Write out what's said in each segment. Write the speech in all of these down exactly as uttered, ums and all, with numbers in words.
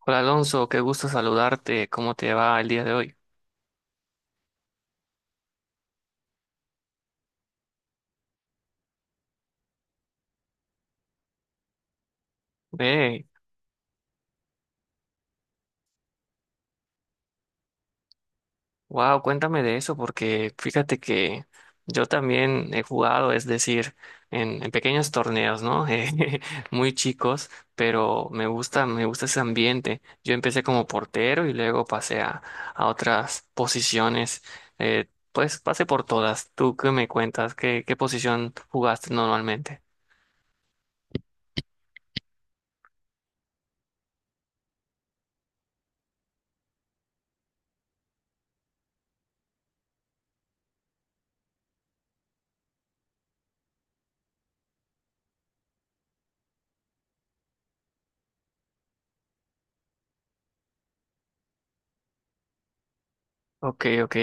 Hola Alonso, qué gusto saludarte. ¿Cómo te va el día de hoy? Hey, wow, cuéntame de eso porque fíjate que yo también he jugado, es decir, en, en pequeños torneos, ¿no? Eh, Muy chicos, pero me gusta, me gusta ese ambiente. Yo empecé como portero y luego pasé a, a otras posiciones. Eh, pues pasé por todas. ¿Tú qué me cuentas? ¿Qué, qué posición jugaste normalmente? Ok, ok.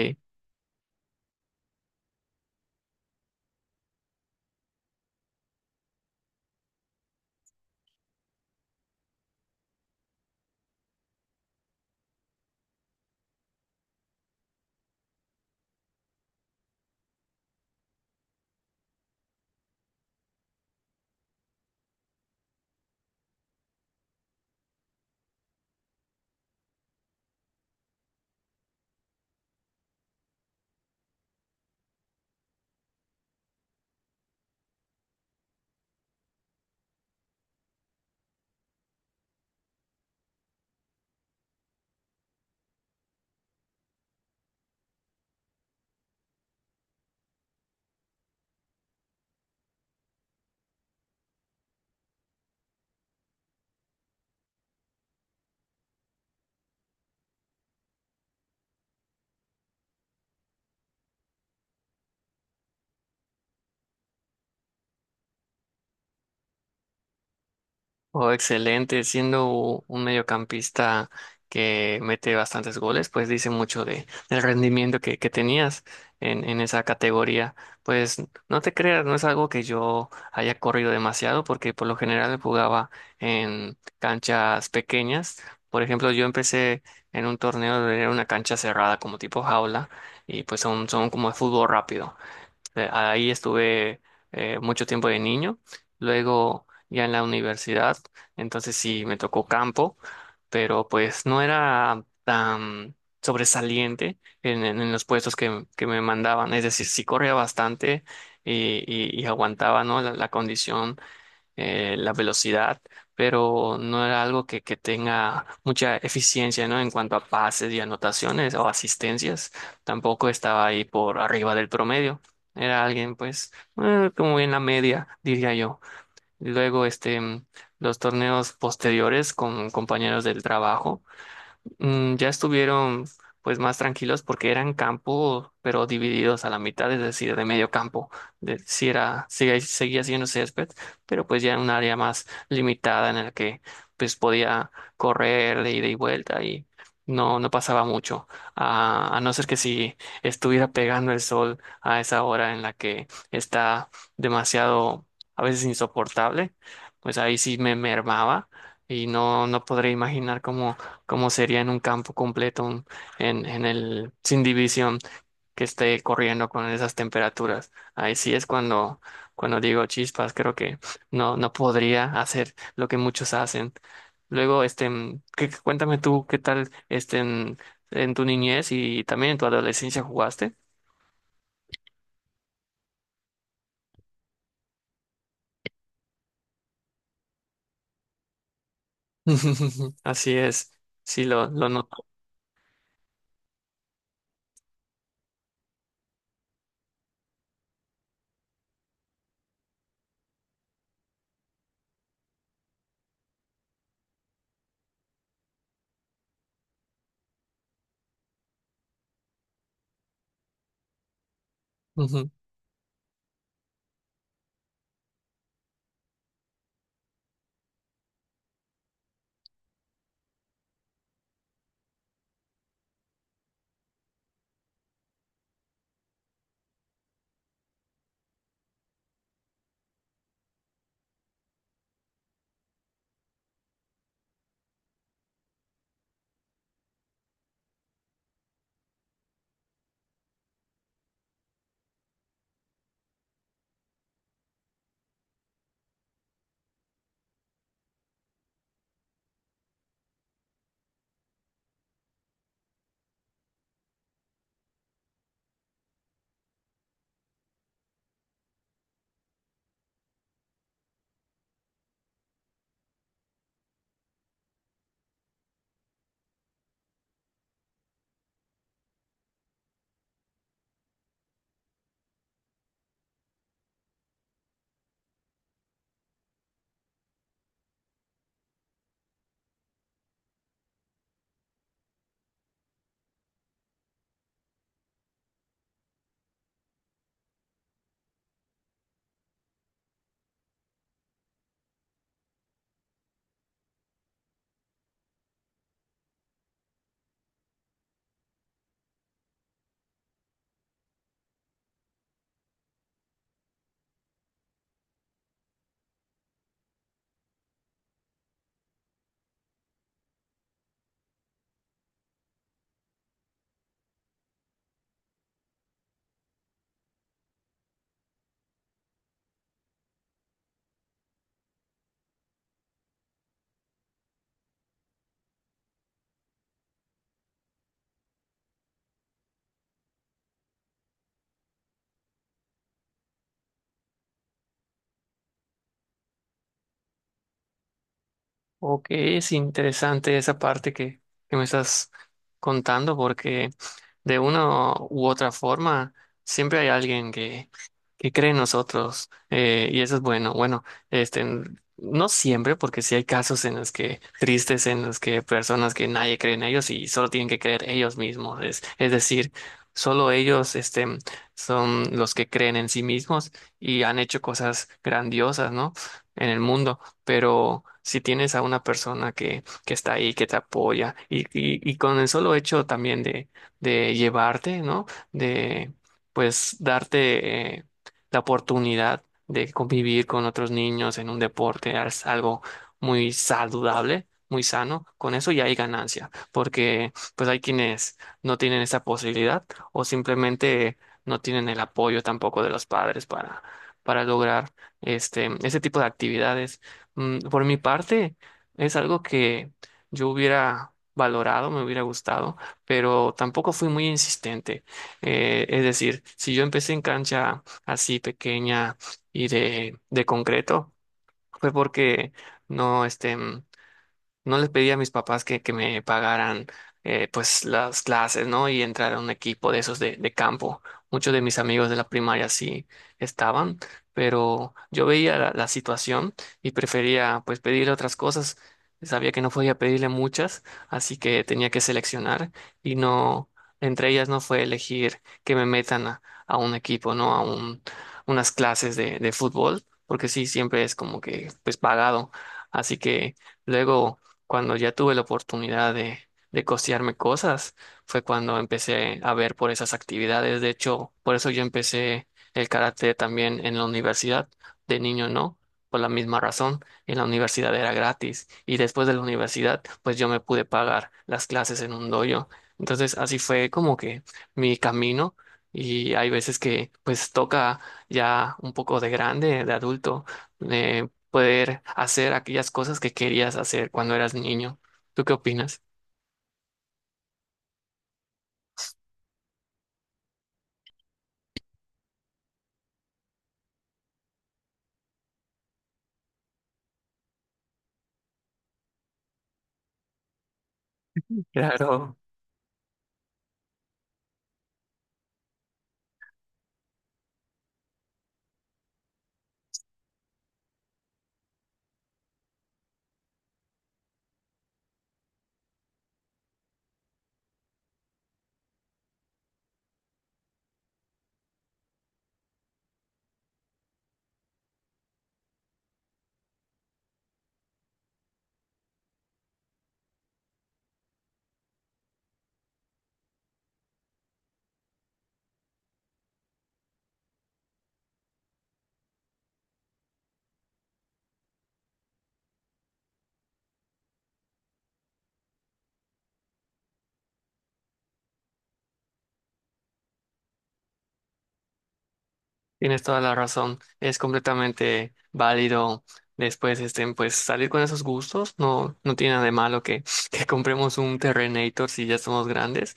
Oh, excelente. Siendo u- un mediocampista que mete bastantes goles, pues dice mucho de, del rendimiento que, que tenías en, en esa categoría. Pues no te creas, no es algo que yo haya corrido demasiado, porque por lo general jugaba en canchas pequeñas. Por ejemplo, yo empecé en un torneo de una cancha cerrada, como tipo jaula, y pues son, son como de fútbol rápido. Eh, Ahí estuve eh, mucho tiempo de niño, luego ya en la universidad, entonces sí me tocó campo, pero pues no era tan sobresaliente en, en- en los puestos que, que me mandaban, es decir, sí corría bastante y, y- y aguantaba, ¿no? la la condición, eh, la velocidad, pero no era algo que, que tenga mucha eficiencia, ¿no? En cuanto a pases y anotaciones o asistencias, tampoco estaba ahí por arriba del promedio. Era alguien, pues, eh, como en la media, diría yo. Luego, este, mm, los torneos posteriores con compañeros del trabajo. Mm, ya estuvieron pues más tranquilos porque eran campo, pero divididos a la mitad, es decir, de medio campo. De, sí era, seguía, seguía siendo césped, pero pues ya era un área más limitada en la que pues podía correr de ida y vuelta y no, no pasaba mucho. A, a no ser que si estuviera pegando el sol a esa hora en la que está demasiado, a veces insoportable, pues ahí sí me mermaba y no, no podré imaginar cómo como sería en un campo completo, un- en, en el, sin división, que esté corriendo con esas temperaturas. Ahí sí es cuando, cuando digo chispas, creo que no, no podría hacer lo que muchos hacen. Luego, este, mm, ¿qué- cuéntame tú qué tal este, en, en tu niñez y también en tu adolescencia jugaste. Así es, sí lo, lo noto. Ok, es interesante esa parte que, que me estás contando porque de una u otra forma siempre hay alguien que... ¿Qué creen nosotros? Eh, y eso es bueno. Bueno, este, n- no siempre, porque sí hay casos en los que, tristes, en los que personas que nadie cree en ellos y solo tienen que creer ellos mismos. Es, es decir, solo ellos, este, son los que creen en sí mismos y han hecho cosas grandiosas, ¿no? En el mundo. Pero si tienes a una persona que, que está ahí, que te apoya y, y, y con el solo hecho también de, de llevarte, ¿no? De, pues, darte eh, la oportunidad de convivir con otros niños en un deporte, es algo muy saludable, muy sano, con eso ya hay ganancia, porque pues hay quienes no tienen esa posibilidad o simplemente no tienen el apoyo tampoco de los padres para, para lograr este, ese tipo de actividades. Mm, Por mi parte, es algo que yo hubiera valorado, me hubiera gustado, pero tampoco fui muy insistente. Eh, es decir, si yo empecé en cancha así pequeña y de, de concreto, fue porque no, este, no les pedí a mis papás que, que me pagaran eh, pues las clases, ¿no? Y entrar a un equipo de esos de, de campo. Muchos de mis amigos de la primaria sí estaban, pero yo veía la, la situación y prefería pues pedirle otras cosas. Sabía que no podía pedirle muchas, así que tenía que seleccionar y no, entre ellas no fue elegir que me metan a, a un equipo, ¿no? A un, unas clases de, de fútbol, porque sí, siempre es como que pues pagado. Así que luego cuando ya tuve la oportunidad de, de costearme cosas, fue cuando empecé a ver por esas actividades. De hecho, por eso yo empecé el karate también en la universidad. De niño no, por la misma razón. En la universidad era gratis. Y después de la universidad, pues yo me pude pagar las clases en un dojo. Entonces, así fue como que mi camino. Y hay veces que pues toca ya un poco de grande, de adulto, eh, poder hacer aquellas cosas que querías hacer cuando eras niño. ¿Tú qué opinas? Claro. Tienes toda la razón, es completamente válido después este, pues salir con esos gustos, no, no tiene nada de malo que que compremos un Terrenator si ya somos grandes.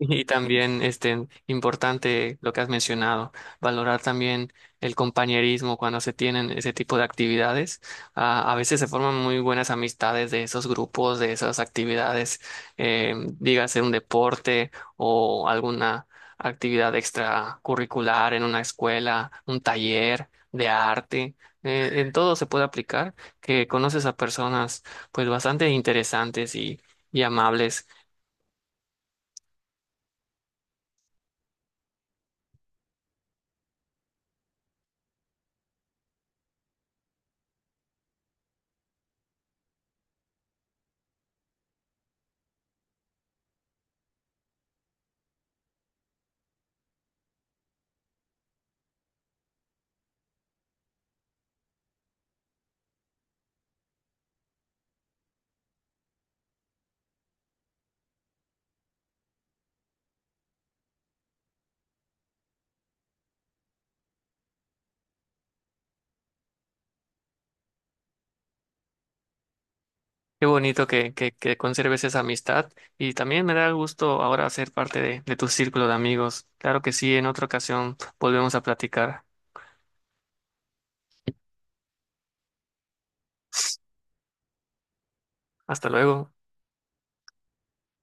Y también este, importante lo que has mencionado, valorar también el compañerismo cuando se tienen ese tipo de actividades. Ah, a veces se forman muy buenas amistades de esos grupos, de esas actividades, eh, dígase un deporte o alguna actividad extracurricular en una escuela, un taller de arte, eh, en todo se puede aplicar, que conoces a personas pues bastante interesantes y, y amables. Qué bonito que, que, que conserves esa amistad y también me da gusto ahora ser parte de, de tu círculo de amigos. Claro que sí, en otra ocasión volvemos a platicar. Hasta luego.